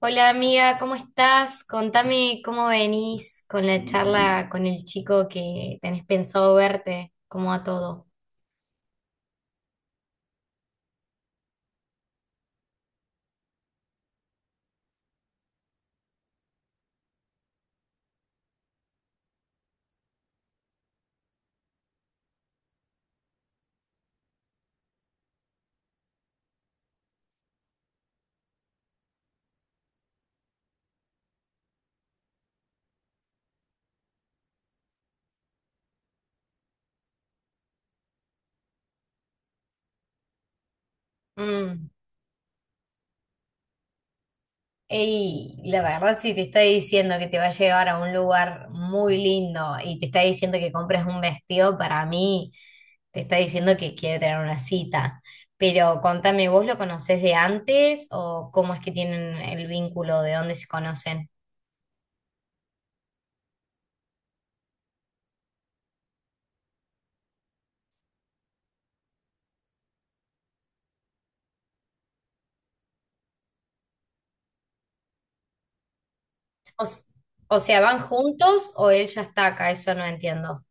Hola amiga, ¿cómo estás? Contame cómo venís con la charla con el chico que tenés pensado verte, cómo a todo. Mm. Ey, la verdad si te está diciendo que te va a llevar a un lugar muy lindo y te está diciendo que compres un vestido, para mí te está diciendo que quiere tener una cita. Pero contame, ¿vos lo conocés de antes o cómo es que tienen el vínculo, de dónde se conocen? O, s- o sea, ¿van juntos o él ya está acá? Eso no entiendo.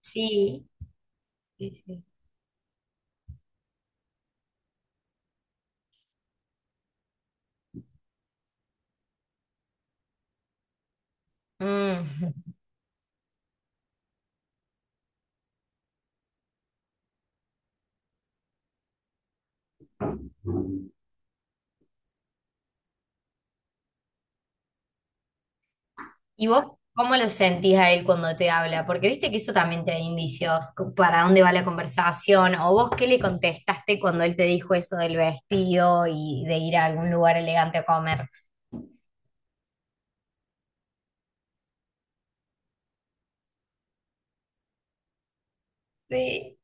Sí, sí, sí. Mm. ¿Y vos cómo lo sentís a él cuando te habla? Porque viste que eso también te da indicios, para dónde va la conversación, o vos qué le contestaste cuando él te dijo eso del vestido y de ir a algún lugar elegante a comer. Sí.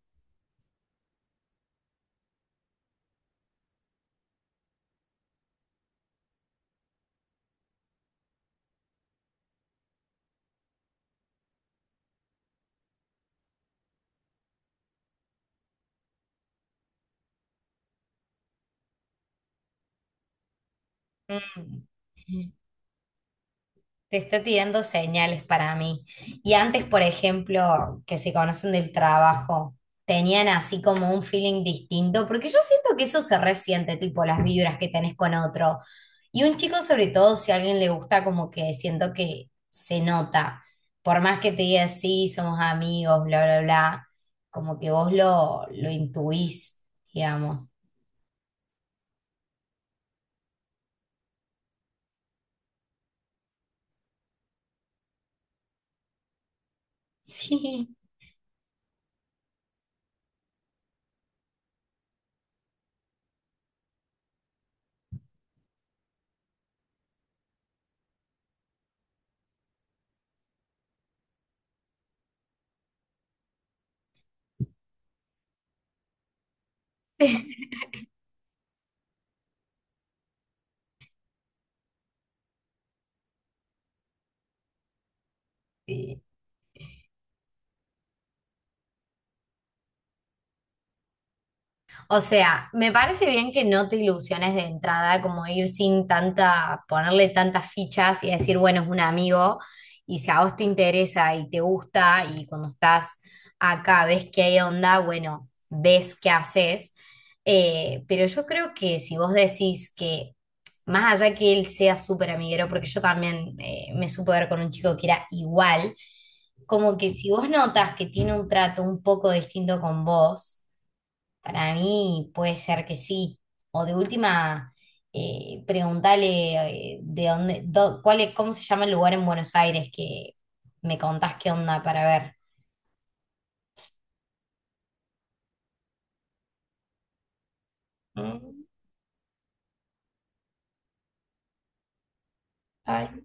Mm. Te está tirando señales para mí. Y antes, por ejemplo, que se conocen del trabajo, tenían así como un feeling distinto, porque yo siento que eso se resiente, tipo las vibras que tenés con otro. Y un chico, sobre todo, si a alguien le gusta, como que siento que se nota. Por más que te diga, sí, somos amigos, bla, bla, bla, como que vos lo intuís, digamos. Sí. O sea, me parece bien que no te ilusiones de entrada, como ir sin tanta, ponerle tantas fichas y decir, bueno, es un amigo, y si a vos te interesa y te gusta, y cuando estás acá ves que hay onda, bueno, ves qué haces. Pero yo creo que si vos decís que, más allá que él sea súper amiguero, porque yo también me supe ver con un chico que era igual, como que si vos notas que tiene un trato un poco distinto con vos, para mí puede ser que sí. O de última, preguntale de dónde, cómo se llama el lugar en Buenos Aires que me contás qué onda para ver. Mm, ay,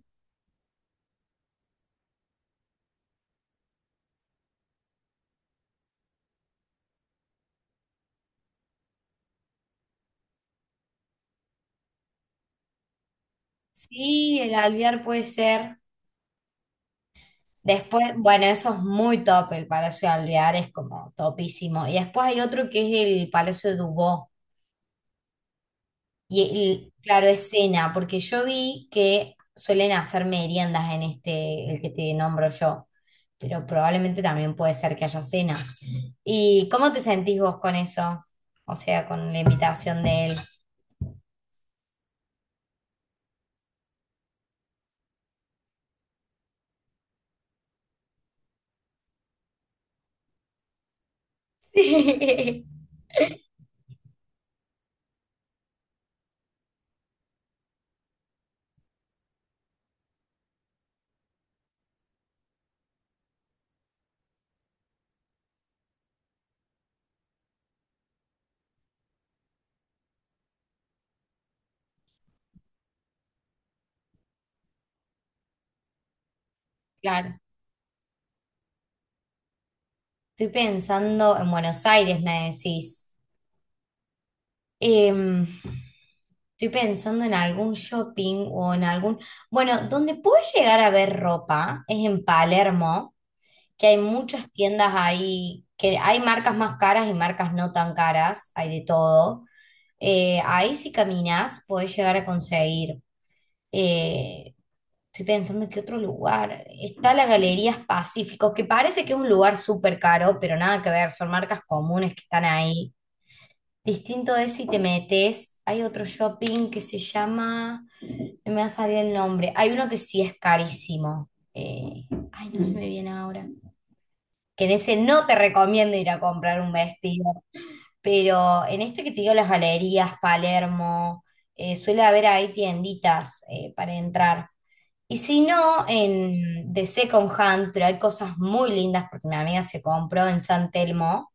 sí, el Alvear puede ser. Después, bueno, eso es muy top, el Palacio de Alvear es como topísimo. Y después hay otro que es el Palacio de Dubó. Claro, es cena, porque yo vi que suelen hacer meriendas en este, el que te nombro yo, pero probablemente también puede ser que haya cenas. ¿Y cómo te sentís vos con eso? O sea, con la invitación de él. Sí, claro. Estoy pensando en Buenos Aires, me decís. Em, Estoy pensando en algún shopping o en algún... Bueno, donde puedes llegar a ver ropa es en Palermo, que hay muchas tiendas ahí, que hay marcas más caras y marcas no tan caras, hay de todo. Ahí si caminas podés llegar a conseguir. eh, Estoy pensando en qué otro lugar. Está la Galerías Pacíficos, que parece que es un lugar súper caro, pero nada que ver, son marcas comunes que están ahí. Distinto es si te metes, hay otro shopping que se llama, no me va a salir el nombre, hay uno que sí es carísimo. Ay, no se me viene ahora, que en ese no te recomiendo ir a comprar un vestido, pero en este que te digo, las galerías, Palermo, suele haber ahí tienditas para entrar. Y si no, en de Second Hand, pero hay cosas muy lindas porque mi amiga se compró en San Telmo.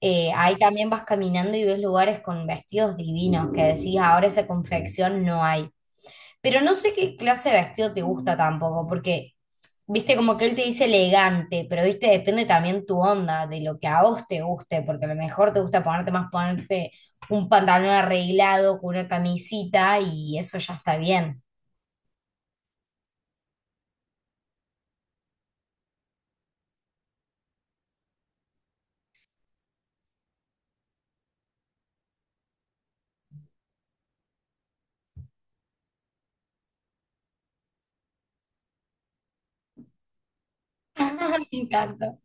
Ahí también vas caminando y ves lugares con vestidos divinos que decís, "Ah, ahora esa confección no hay". Pero no sé qué clase de vestido te gusta tampoco, porque, viste, como que él te dice elegante, pero, viste, depende también tu onda, de lo que a vos te guste, porque a lo mejor te gusta ponerte un pantalón arreglado con una camisita y eso ya está bien. Me encanta.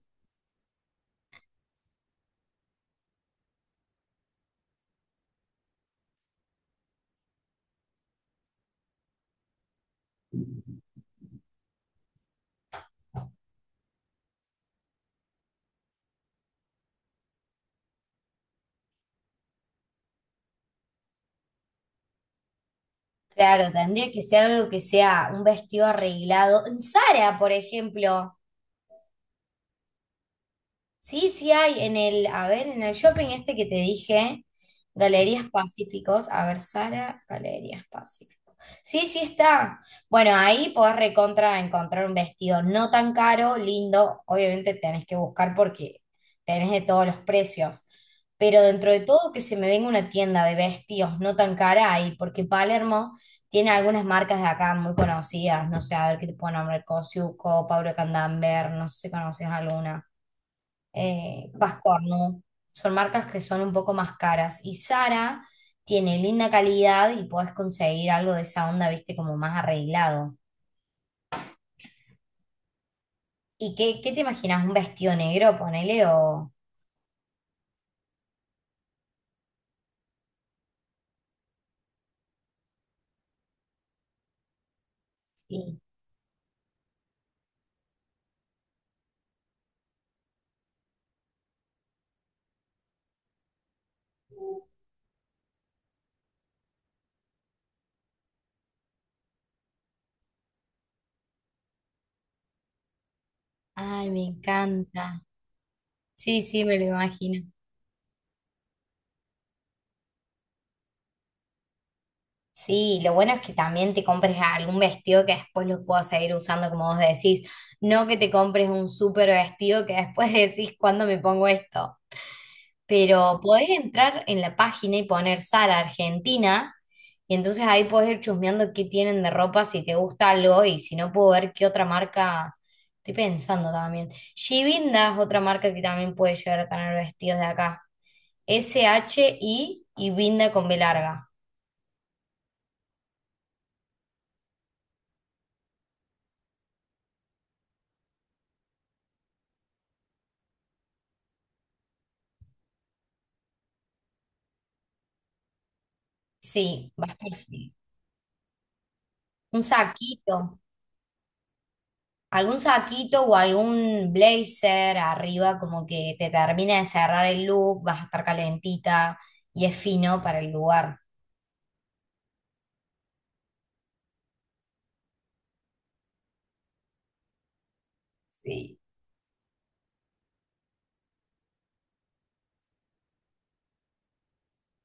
Claro, tendría que ser algo que sea un vestido arreglado. En Zara, por ejemplo. Sí, sí hay en el, a ver, en el shopping este que te dije, Galerías Pacíficos, a ver, Sara, Galerías Pacíficos. Sí, sí está. Bueno, ahí podés recontra encontrar un vestido no tan caro, lindo. Obviamente tenés que buscar porque tenés de todos los precios. Pero dentro de todo que se me venga una tienda de vestidos no tan cara ahí, porque Palermo tiene algunas marcas de acá muy conocidas. No sé, a ver qué te puedo nombrar, Cosiuco, Paula Candamber, no sé si conoces alguna, Vascornu. Son marcas que son un poco más caras. Y Zara tiene linda calidad y podés conseguir algo de esa onda, viste, como más arreglado. ¿Y qué, qué te imaginas? ¿Un vestido negro, ponele o...? Sí. Ay, me encanta. Sí, sí, me lo imagino. Sí, lo bueno es que también te compres algún vestido que después lo puedas seguir usando como vos decís. No que te compres un súper vestido que después decís, ¿cuándo me pongo esto? Pero podés entrar en la página y poner Zara Argentina, y entonces ahí podés ir chusmeando qué tienen de ropa, si te gusta algo, y si no puedo ver qué otra marca, estoy pensando también. Shivinda es otra marca que también puede llegar a tener vestidos de acá. S-H-I y Vinda con B larga. Sí, bastante. Un saquito. Algún saquito o algún blazer arriba como que te termina de cerrar el look, vas a estar calentita y es fino para el lugar. Sí,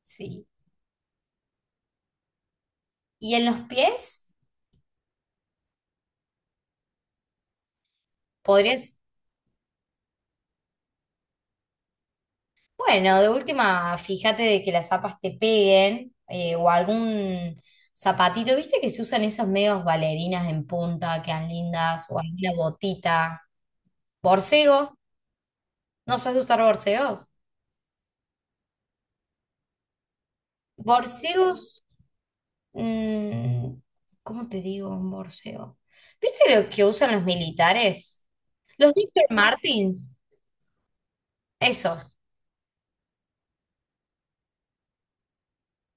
sí. Y en los pies podrías, bueno, de última, fíjate de que las zapas te peguen, o algún zapatito, ¿viste que se usan esos medios bailarinas en punta, quedan lindas, o alguna botita? Borcego, ¿no sos de usar borseos? Borseos. Mm, ¿cómo te digo un borseo? ¿Viste lo que usan los militares? Los Dr. Martins, esos.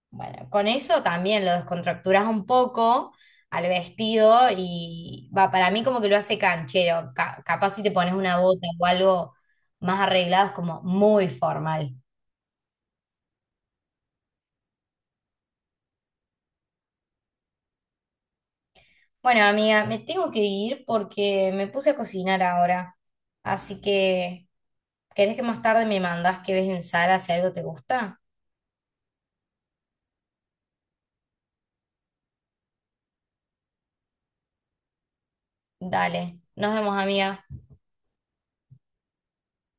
Bueno, con eso también lo descontracturas un poco al vestido y va, para mí como que lo hace canchero. Capaz si te pones una bota o algo más arreglado es como muy formal. Bueno, amiga, me tengo que ir porque me puse a cocinar ahora. Así que, ¿querés que más tarde me mandas que ves en sala si algo te gusta? Dale, nos vemos, amiga.